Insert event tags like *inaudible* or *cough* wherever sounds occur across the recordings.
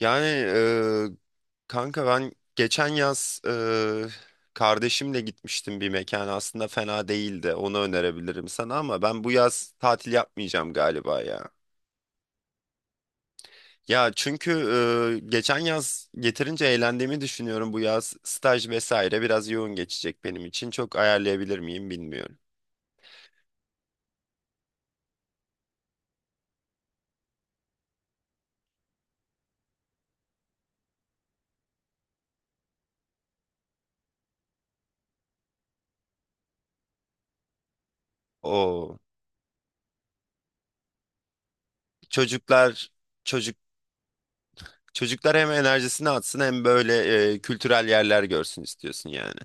Kanka ben geçen yaz kardeşimle gitmiştim bir mekana. Aslında fena değildi. Onu önerebilirim sana ama ben bu yaz tatil yapmayacağım galiba ya. Ya çünkü geçen yaz yeterince eğlendiğimi düşünüyorum. Bu yaz staj vesaire biraz yoğun geçecek benim için. Çok ayarlayabilir miyim bilmiyorum. O çocuklar çocuk çocuklar hem enerjisini atsın hem böyle kültürel yerler görsün istiyorsun yani.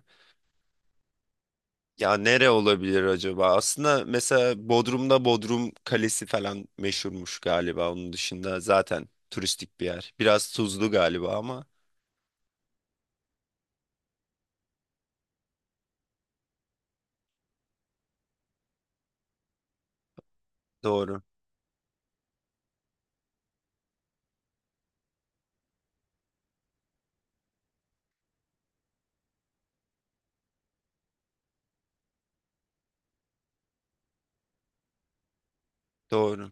Ya nere olabilir acaba? Aslında mesela Bodrum'da Bodrum Kalesi falan meşhurmuş galiba. Onun dışında zaten turistik bir yer. Biraz tuzlu galiba ama doğru. Doğru.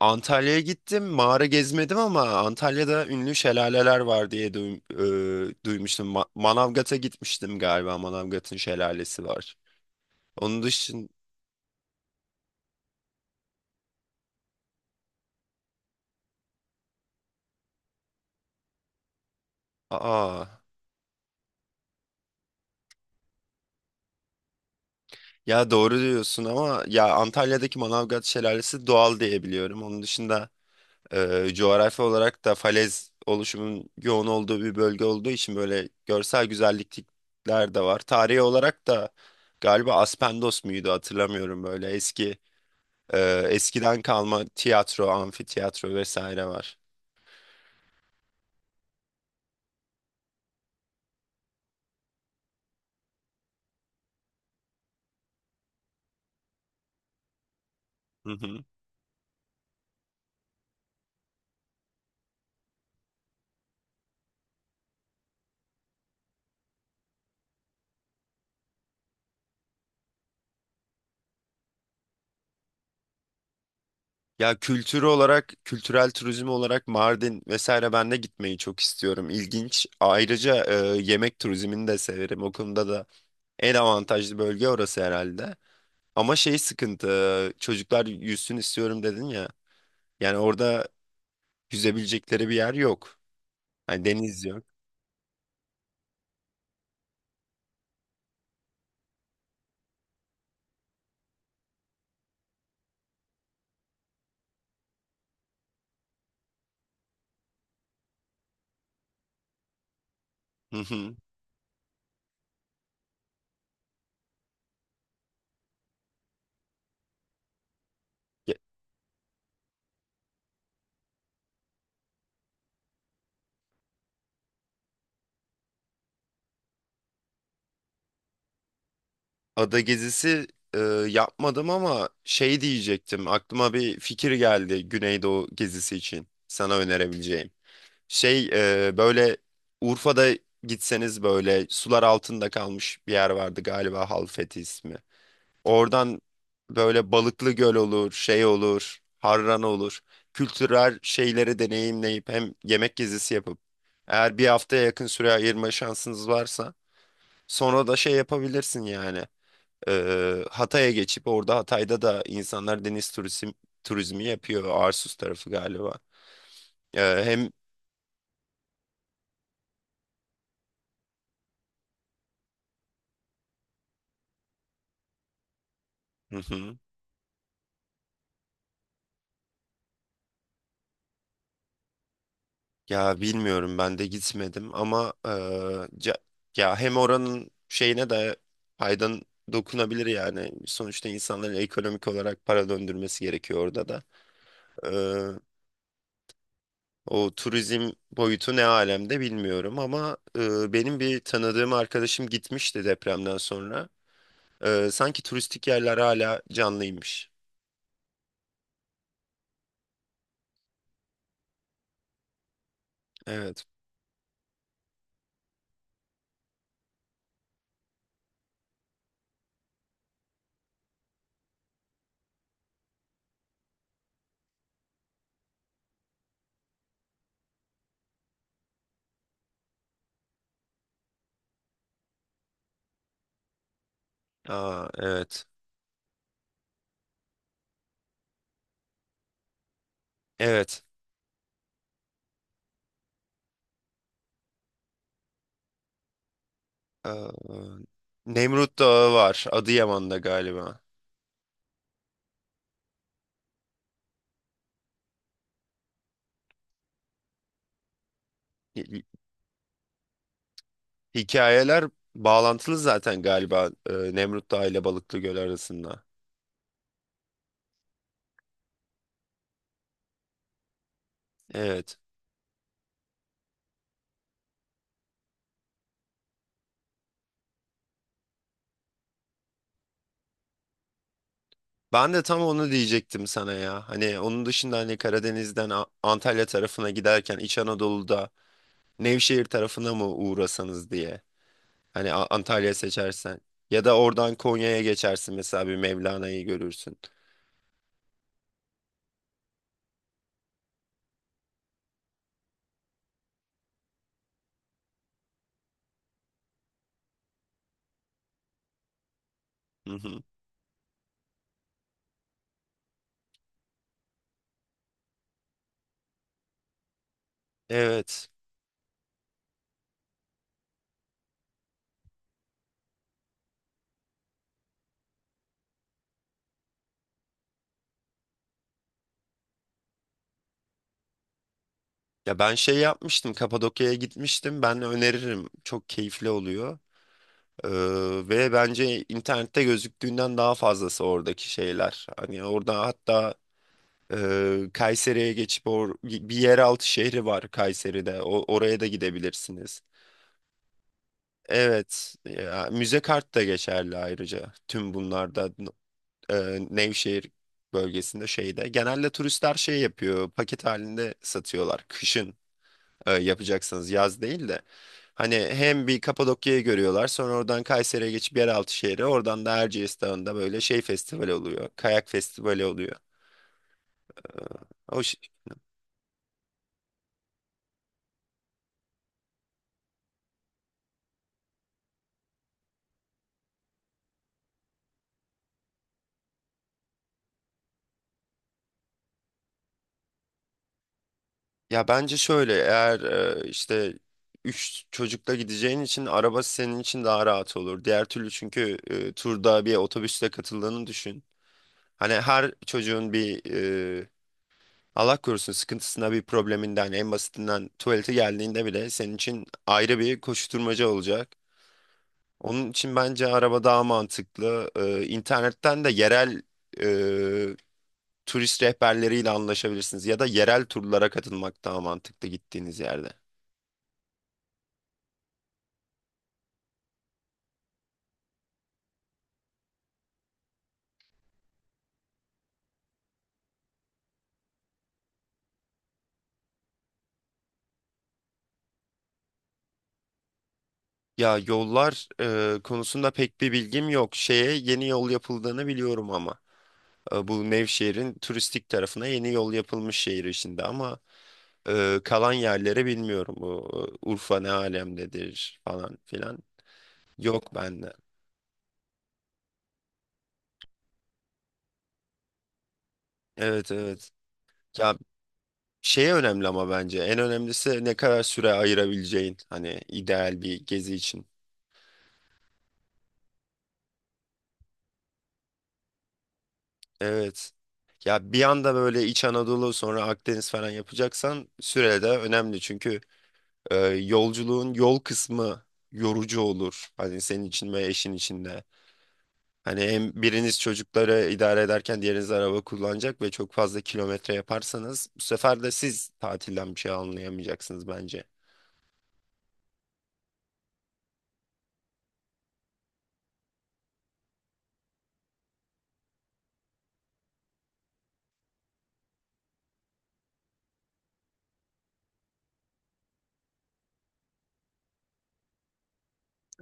Antalya'ya gittim. Mağara gezmedim ama Antalya'da ünlü şelaleler var diye duymuştum. Manavgat'a gitmiştim galiba. Manavgat'ın şelalesi var. Onun dışında aa, ya doğru diyorsun ama ya Antalya'daki Manavgat şelalesi doğal diye biliyorum. Onun dışında coğrafi olarak da falez oluşumun yoğun olduğu bir bölge olduğu için böyle görsel güzellikler de var. Tarihi olarak da galiba Aspendos muydu hatırlamıyorum böyle e, eskiden kalma tiyatro, amfiteyatro vesaire var. Hı hı. Ya kültür olarak, kültürel turizm olarak Mardin vesaire ben de gitmeyi çok istiyorum. İlginç. Ayrıca yemek turizmini de severim. O konuda da en avantajlı bölge orası herhalde. Ama şey sıkıntı, çocuklar yüzsün istiyorum dedin ya. Yani orada yüzebilecekleri bir yer yok. Hani deniz yok. Hı hı. Ya- Ada gezisi e, yapmadım ama şey diyecektim. Aklıma bir fikir geldi Güneydoğu gezisi için sana önerebileceğim. Şey böyle Urfa'da gitseniz böyle sular altında kalmış bir yer vardı galiba Halfeti ismi. Oradan böyle Balıklı Göl olur, şey olur, Harran olur. Kültürel şeyleri deneyimleyip hem yemek gezisi yapıp eğer bir haftaya yakın süre ayırma şansınız varsa sonra da şey yapabilirsin yani. Hatay'a geçip orada Hatay'da da insanlar turizmi yapıyor. Arsus tarafı galiba. Hem *laughs* Ya bilmiyorum ben de gitmedim ama ca- ya hem oranın şeyine de faydan dokunabilir yani. Sonuçta insanların ekonomik olarak para döndürmesi gerekiyor orada da. Eee, o turizm boyutu ne alemde bilmiyorum ama benim bir tanıdığım arkadaşım gitmişti depremden sonra. Sanki turistik yerler hala canlıymış. Evet. Aa, evet. Evet. Eee, Nemrut Dağı var Adıyaman'da galiba. Hikayeler bağlantılı zaten galiba Nemrut Dağı ile Balıklıgöl arasında. Evet. Ben de tam onu diyecektim sana ya. Hani onun dışında hani Karadeniz'den Antalya tarafına giderken İç Anadolu'da Nevşehir tarafına mı uğrasanız diye. Hani Antalya seçersen. Ya da oradan Konya'ya geçersin mesela bir Mevlana'yı görürsün. Hı hı. Evet. Ya ben şey yapmıştım. Kapadokya'ya gitmiştim. Ben öneririm. Çok keyifli oluyor. Ee, ve bence internette gözüktüğünden daha fazlası oradaki şeyler. Hani orada hatta Kayseri'ye geçip bir yeraltı şehri var Kayseri'de. O oraya da gidebilirsiniz. Evet, ya, müze kart da geçerli ayrıca. Tüm bunlarda Nevşehir bölgesinde şeyde. Genelde turistler şey yapıyor, paket halinde satıyorlar. Kışın yapacaksınız, yaz değil de. Hani hem bir Kapadokya'yı görüyorlar, sonra oradan Kayseri'ye geçip yeraltı şehri, oradan da Erciyes Dağı'nda böyle şey festivali oluyor, kayak festivali oluyor. O, ya bence şöyle eğer e, işte 3 çocukla gideceğin için araba senin için daha rahat olur. Diğer türlü çünkü turda bir otobüsle katıldığını düşün. Hani her çocuğun bir e, Allah korusun sıkıntısına bir probleminden en basitinden tuvalete geldiğinde bile senin için ayrı bir koşturmaca olacak. Onun için bence araba daha mantıklı. E, internetten de yerel e, turist rehberleriyle anlaşabilirsiniz ya da yerel turlara katılmak daha mantıklı gittiğiniz yerde. Ya yollar konusunda pek bir bilgim yok. Şeye yeni yol yapıldığını biliyorum ama bu Nevşehir'in turistik tarafına yeni yol yapılmış şehir içinde ama kalan yerleri bilmiyorum. Bu Urfa ne alemdedir falan filan yok bende. Evet evet. Ya şey önemli ama bence en önemlisi ne kadar süre ayırabileceğin hani ideal bir gezi için. Evet. Ya bir anda böyle İç Anadolu sonra Akdeniz falan yapacaksan süre de önemli. Çünkü yolculuğun yol kısmı yorucu olur. Hani senin için ve eşin için de. Hani hem biriniz çocukları idare ederken diğeriniz araba kullanacak ve çok fazla kilometre yaparsanız bu sefer de siz tatilden bir şey anlayamayacaksınız bence.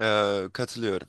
E, katılıyorum.